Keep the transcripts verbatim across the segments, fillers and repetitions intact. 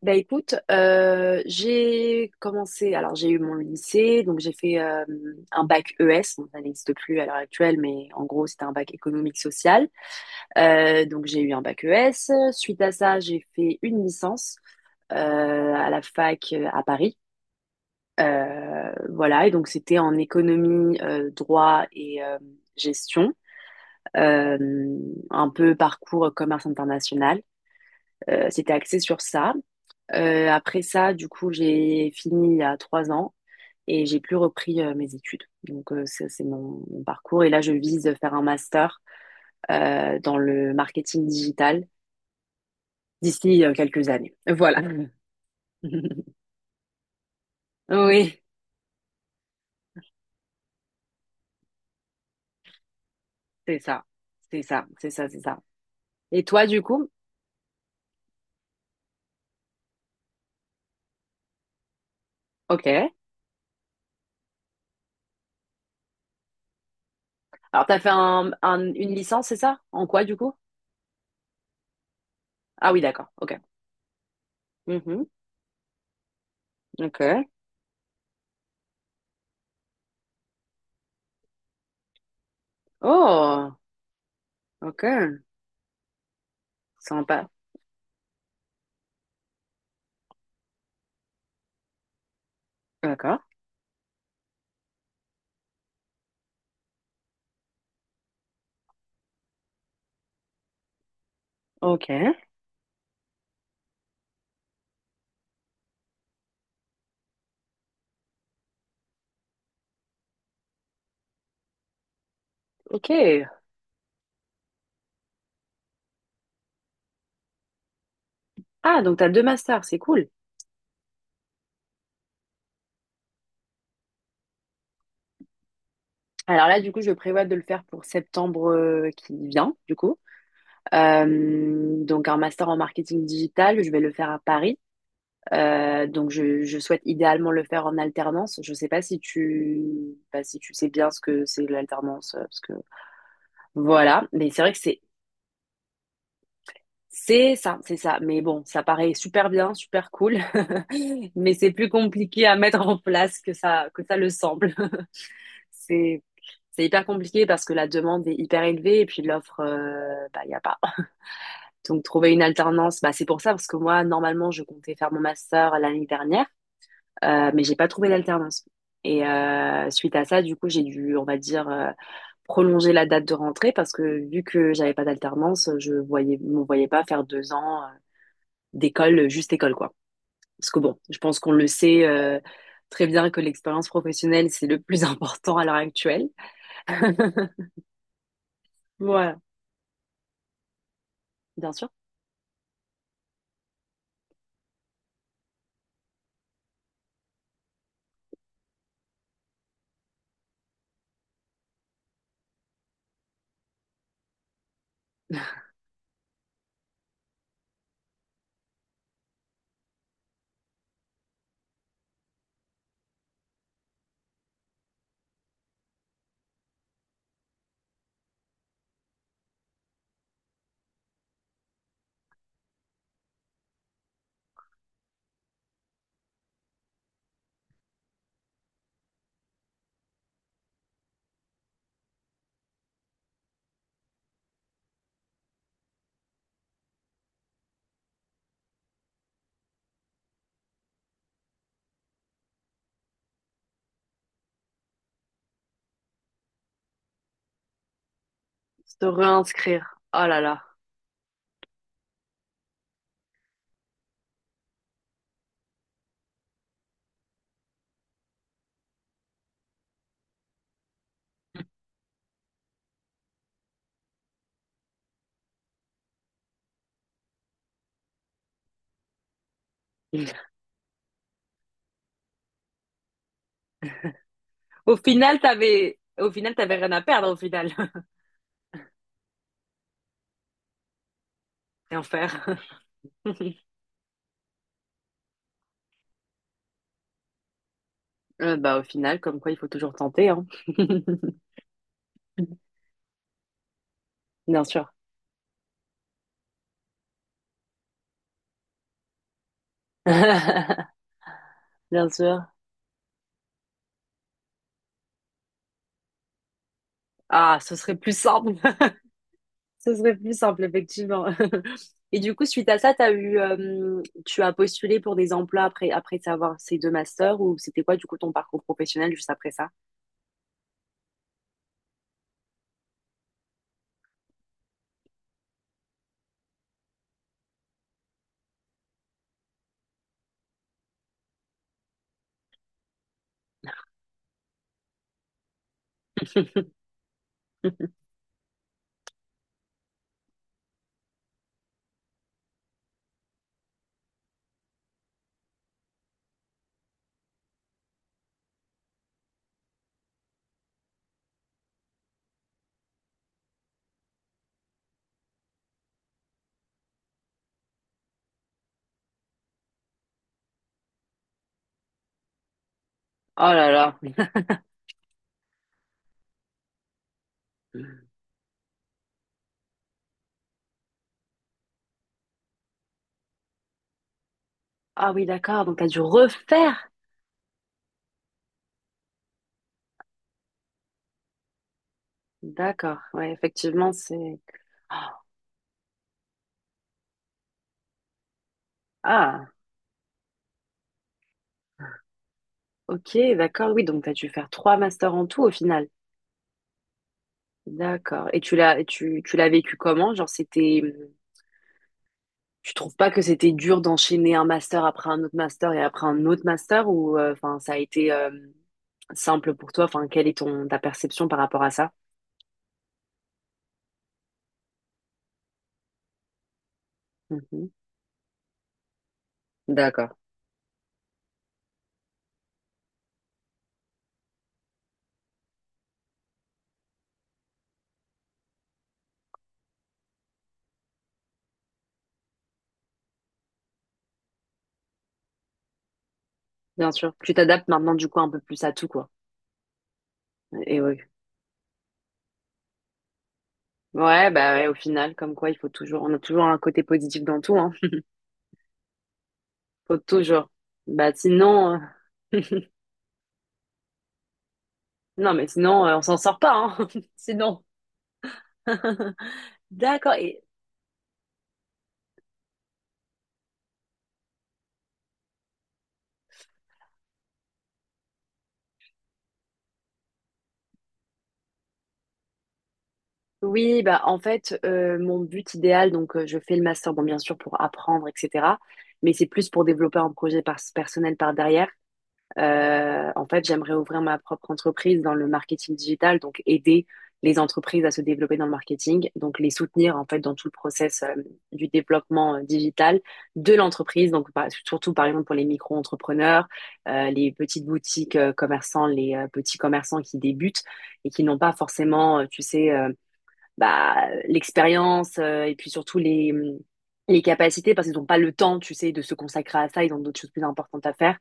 Bah écoute, euh, j'ai commencé, alors j'ai eu mon lycée, donc j'ai fait euh, un bac E S, bon, ça n'existe plus à l'heure actuelle, mais en gros c'était un bac économique social. Euh, donc j'ai eu un bac E S, suite à ça j'ai fait une licence euh, à la fac euh, à Paris. Euh, voilà, et donc c'était en économie, euh, droit et euh, gestion. Euh, un peu parcours commerce international. Euh, c'était axé sur ça. Euh, après ça, du coup, j'ai fini il y a trois ans et j'ai plus repris euh, mes études. Donc, euh, ça, c'est mon, mon parcours. Et là, je vise de faire un master euh, dans le marketing digital d'ici euh, quelques années. Voilà. Oui, c'est ça. C'est ça, c'est ça, c'est ça. Et toi, du coup? Ok. Alors, t'as fait un, un- une licence, c'est ça? En quoi, du coup? Ah oui, d'accord. Ok. Mhm. Ok. Oh, ok. Sympa. D'accord. Ok. Ok. Ah, donc t'as deux masters, c'est cool. Alors là, du coup, je prévois de le faire pour septembre euh, qui vient, du coup. Euh, donc un master en marketing digital, je vais le faire à Paris. Euh, donc je, je souhaite idéalement le faire en alternance. Je sais pas si tu, bah, si tu sais bien ce que c'est l'alternance, euh, parce que voilà. Mais c'est vrai que c'est c'est ça, c'est ça. Mais bon, ça paraît super bien, super cool, mais c'est plus compliqué à mettre en place que ça que ça le semble. C'est c'est hyper compliqué parce que la demande est hyper élevée et puis l'offre, euh, bah, il n'y a pas. Donc, trouver une alternance, bah, c'est pour ça parce que moi, normalement, je comptais faire mon master l'année dernière, euh, mais j'ai pas trouvé d'alternance. Et euh, suite à ça, du coup, j'ai dû, on va dire, euh, prolonger la date de rentrée parce que vu que j'avais pas d'alternance, je voyais, me voyais pas faire deux ans euh, d'école, euh, juste école, quoi. Parce que bon, je pense qu'on le sait euh, très bien que l'expérience professionnelle, c'est le plus important à l'heure actuelle. Voilà. Bien sûr. Se réinscrire. Oh là là. Au final, t'avais, au final, t'avais rien à perdre au final. Rien faire. Euh, bah, au final, comme quoi, il faut toujours tenter, hein. Bien sûr. Bien sûr. Ah, ce serait plus simple. Ce serait plus simple, effectivement. Et du coup, suite à ça, t'as eu, euh, tu as postulé pour des emplois après, après avoir ces deux masters ou c'était quoi, du coup, ton parcours professionnel juste après ça? Oh là là. Ah oui, d'accord. Donc, t'as dû refaire. D'accord. Ouais, effectivement, c'est... Ah, ok, d'accord. Oui, donc, t'as dû faire trois masters en tout au final. D'accord. Et tu l'as, tu, tu l'as vécu comment? Genre, c'était, tu trouves pas que c'était dur d'enchaîner un master après un autre master et après un autre master ou, euh, enfin, ça a été euh, simple pour toi? Enfin, quelle est ton ta perception par rapport à ça? Mhm. D'accord. Bien sûr. Tu t'adaptes maintenant du coup un peu plus à tout quoi. Et oui. Ouais, bah ouais, au final, comme quoi, il faut toujours, on a toujours un côté positif dans tout, hein. Faut toujours. Bah sinon, euh, non mais sinon, euh, on s'en sort pas, hein. Sinon. D'accord. Et oui, bah en fait, euh, mon but idéal, donc euh, je fais le master, bon bien sûr pour apprendre, et cetera. Mais c'est plus pour développer un projet par- personnel par derrière. Euh, en fait, j'aimerais ouvrir ma propre entreprise dans le marketing digital, donc aider les entreprises à se développer dans le marketing, donc les soutenir en fait dans tout le process euh, du développement euh, digital de l'entreprise. Donc par- surtout par exemple pour les micro-entrepreneurs, euh, les petites boutiques euh, commerçants, les euh, petits commerçants qui débutent et qui n'ont pas forcément, euh, tu sais. Euh, bah, l'expérience euh, et puis surtout les, les capacités parce qu'ils n'ont pas le temps, tu sais, de se consacrer à ça, ils ont d'autres choses plus importantes à faire.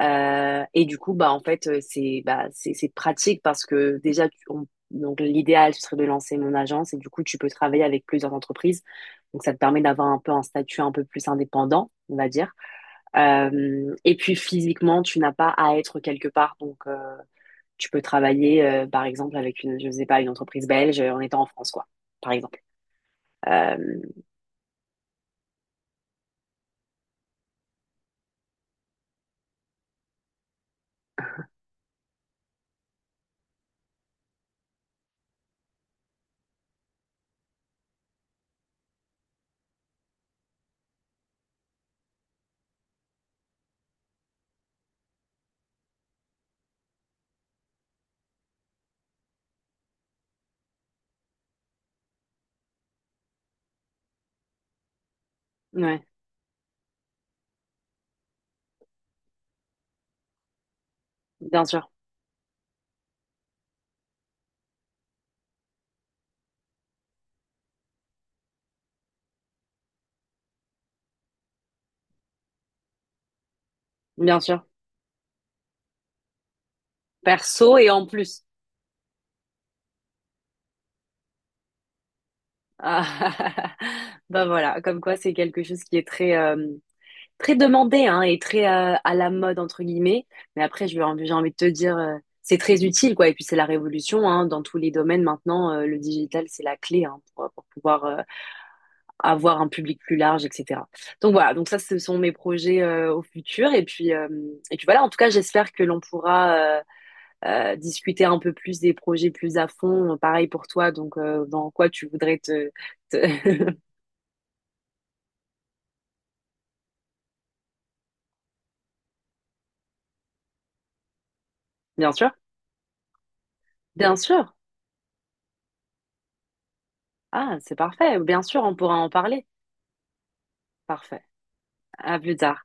Euh, et du coup, bah, en fait, euh, c'est bah, c'est c'est pratique parce que déjà, tu- on- donc l'idéal, ce serait de lancer mon agence et du coup, tu peux travailler avec plusieurs entreprises. Donc, ça te permet d'avoir un peu un statut un peu plus indépendant, on va dire. Euh, et puis, physiquement, tu n'as pas à être quelque part. Donc, euh, tu peux travailler, euh, par exemple, avec une, je sais pas, une entreprise belge euh, en étant en France, quoi, par exemple. Euh, ouais, bien sûr, bien sûr. Perso et en plus. Ah, ben voilà, comme quoi c'est quelque chose qui est très, euh, très demandé hein, et très euh, à la mode, entre guillemets. Mais après, j'ai envie, j'ai envie de te dire, euh, c'est très utile, quoi. Et puis c'est la révolution hein, dans tous les domaines maintenant. Euh, le digital, c'est la clé hein, pour, pour pouvoir euh, avoir un public plus large, et cetera. Donc voilà, donc ça, ce sont mes projets euh, au futur. Et puis, euh, et puis voilà, en tout cas, j'espère que l'on pourra euh, euh, discuter un peu plus des projets plus à fond. Pareil pour toi, donc euh, dans quoi tu voudrais te... te- Bien sûr, bien sûr. Ah, c'est parfait. Bien sûr, on pourra en parler. Parfait. À plus tard.